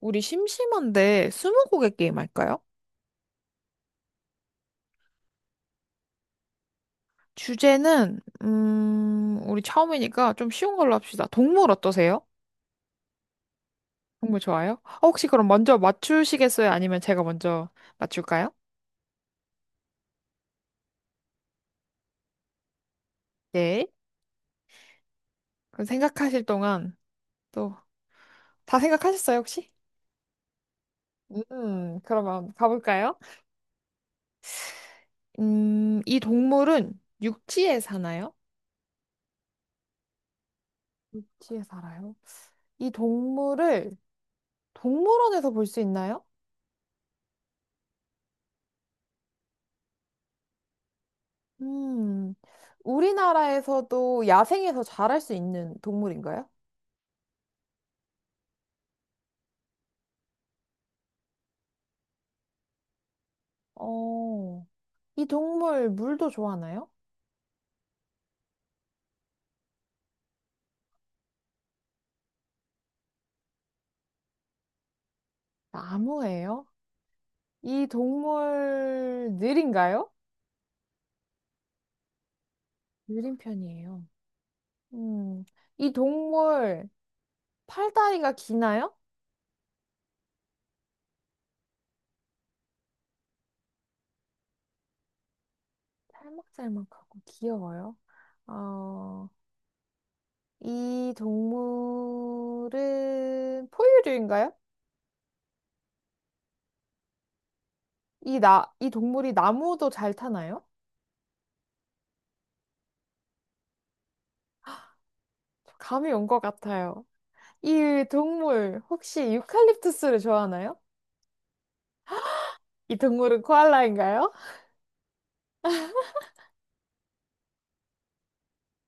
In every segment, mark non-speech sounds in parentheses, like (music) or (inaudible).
우리 심심한데 스무고개 게임 할까요? 주제는 우리 처음이니까 좀 쉬운 걸로 합시다. 동물 어떠세요? 동물 좋아요? 혹시 그럼 먼저 맞추시겠어요? 아니면 제가 먼저 맞출까요? 네. 그럼 생각하실 동안 또 다 생각하셨어요, 혹시? 그러면 가볼까요? 이 동물은 육지에 사나요? 육지에 살아요? 이 동물을 동물원에서 볼 수 있나요? 음, 우리나라에서도 야생에서 자랄 수 있는 동물인가요? 어, 이 동물 물도 좋아하나요? 나무예요? 이 동물 느린가요? 느린 편이에요. 음, 이 동물 팔다리가 기나요? 살막살막하고 귀여워요. 어, 이 동물은 포유류인가요? 이 동물이 나무도 잘 타나요? 감이 온 것 같아요. 이 동물 혹시 유칼립투스를 좋아하나요? 이 동물은 코알라인가요? (laughs)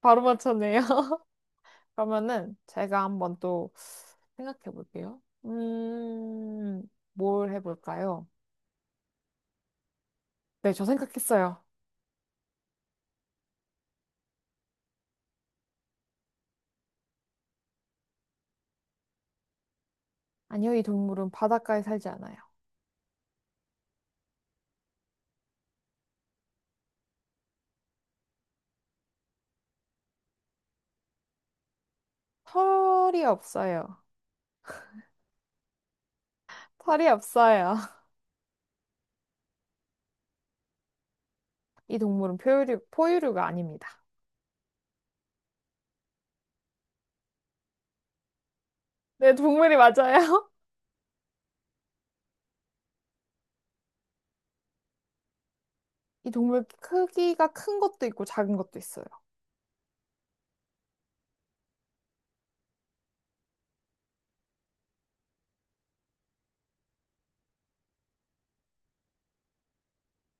바로 맞췄네요. (laughs) 그러면은 제가 한번 또 생각해 볼게요. 뭘 해볼까요? 네, 저 생각했어요. 아니요, 이 동물은 바닷가에 살지 않아요. 털이 없어요. 털이 없어요. (laughs) 이 동물은 포유류가 아닙니다. 네, 동물이 맞아요. (laughs) 이 동물 크기가 큰 것도 있고 작은 것도 있어요.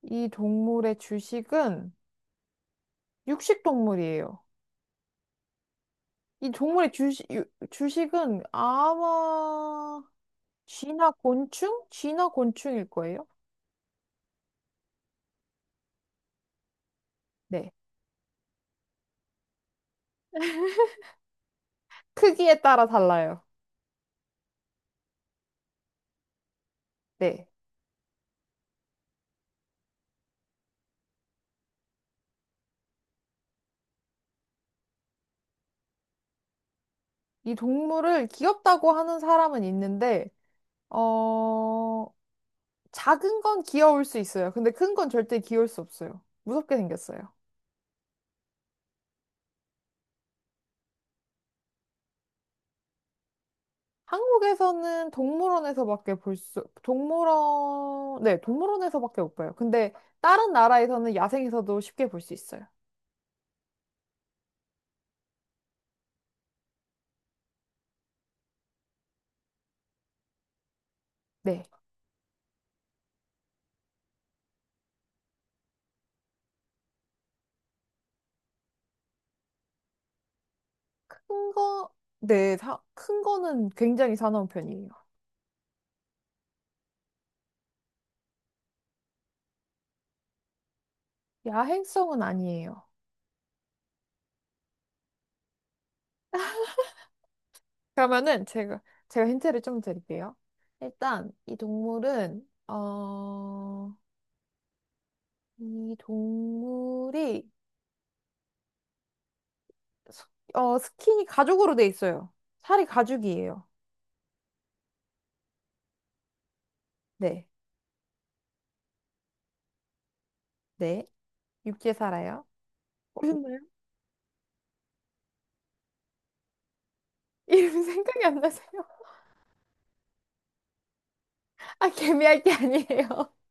이 동물의 주식은 육식 동물이에요. 이 동물의 주식은 아마 쥐나 곤충일 거예요. 네. 크기에 따라 달라요. 네. 이 동물을 귀엽다고 하는 사람은 있는데, 어, 작은 건 귀여울 수 있어요. 근데 큰 건 절대 귀여울 수 없어요. 무섭게 생겼어요. 한국에서는 동물원, 네, 동물원에서밖에 못 봐요. 근데 다른 나라에서는 야생에서도 쉽게 볼 수 있어요. 네. 큰 거, 네, 큰 거는 굉장히 사나운 편이에요. 야행성은 아니에요. 그러면은 제가, 제가 힌트를 좀 드릴게요. 일단, 이 동물은, 어, 이 동물이, 스- 어, 스킨이 가죽으로 돼 있어요. 살이 가죽이에요. 네, 네. 육지에 살아요. 어렵나요? (laughs) 이름 이 생각이 안 나세요? (laughs) 아, 개미할 게 아니에요. (laughs)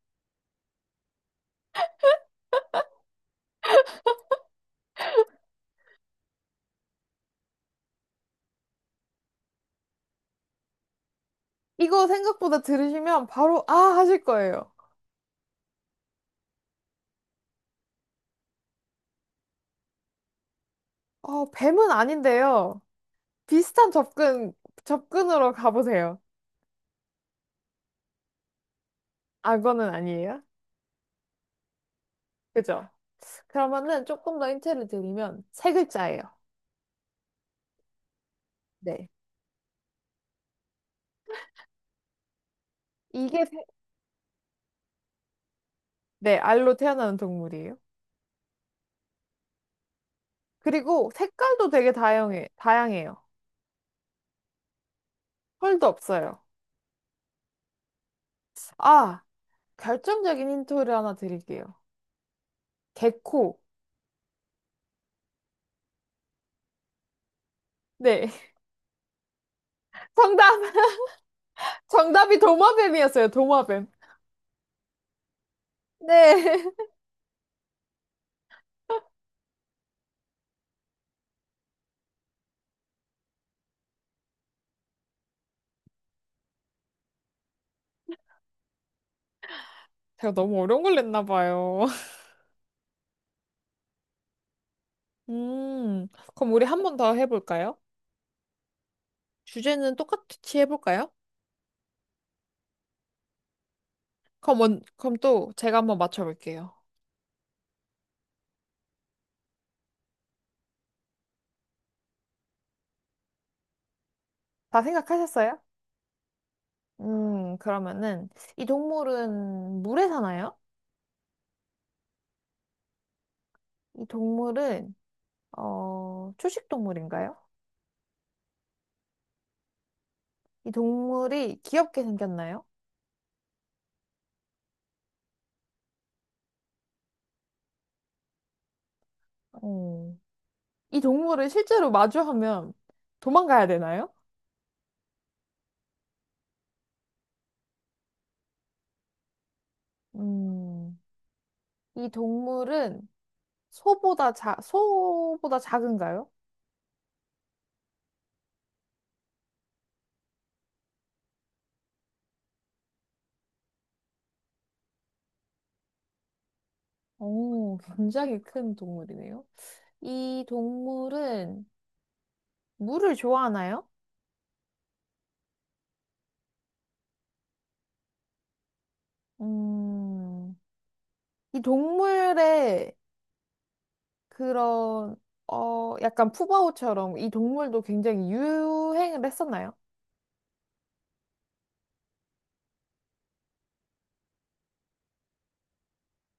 이거 생각보다 들으시면 바로, 아, 하실 거예요. 어, 뱀은 아닌데요. 비슷한 접근, 접근으로 가보세요. 악어는 아니에요? 그죠? 그러면은 조금 더 힌트를 드리면 세 글자예요. 네. 이게, 세- 네, 알로 태어나는 동물이에요. 그리고 색깔도 다양해요. 털도 없어요. 아, 결정적인 힌트를 하나 드릴게요. 개코. 네. (laughs) 정답, 정답이 도마뱀이었어요, 도마뱀. 네. (laughs) 제가 너무 어려운 걸 냈나 봐요. (laughs) 음, 그럼 우리 한 번 더 해볼까요? 주제는 똑같이 해볼까요? 그럼 또 제가 한번 맞춰볼게요. 다 생각하셨어요? 음, 그러면은, 이 동물은 물에 사나요? 이 동물은, 초식 동물인가요? 이 동물이 귀엽게 생겼나요? 음, 이 동물을 실제로 마주하면 도망가야 되나요? 음, 이 동물은 소보다 작은가요? 오, 굉장히 큰 동물이네요. 이 동물은 물을 좋아하나요? 음, 이 동물의 그런, 어, 약간 푸바오처럼 이 동물도 굉장히 유행을 했었나요?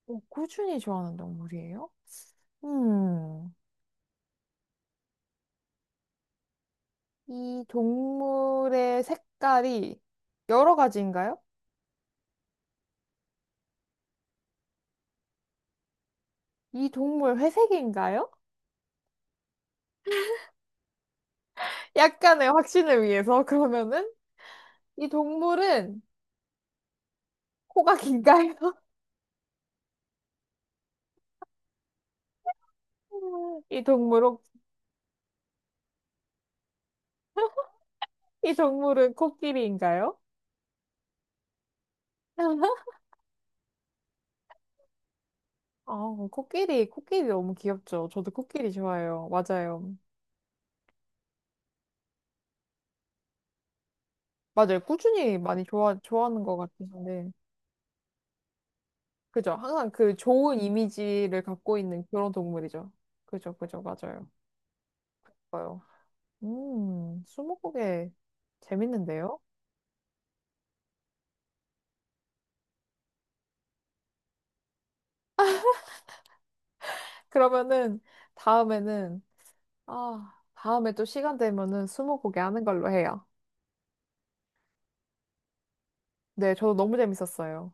어, 꾸준히 좋아하는 동물이에요? 음, 이 동물의 색깔이 여러 가지인가요? 이 동물 회색인가요? 약간의 확신을 위해서 (laughs) 그러면은 이 동물은 코가 긴가요? (laughs) 이 동물은, 이 동물은 코끼리인가요? (laughs) 아, 코끼리 너무 귀엽죠. 저도 코끼리 좋아해요. 맞아요. 맞아요. 꾸준히 많이 좋아하는 것 같으신데. 그죠. 항상 그 좋은 이미지를 갖고 있는 그런 동물이죠. 그죠, 그죠. 맞아요. 좋아요. 스무고개 재밌는데요? 그러면은 다음에는, 아, 다음에 또 시간 되면은 스무고개 하는 걸로 해요. 네, 저도 너무 재밌었어요.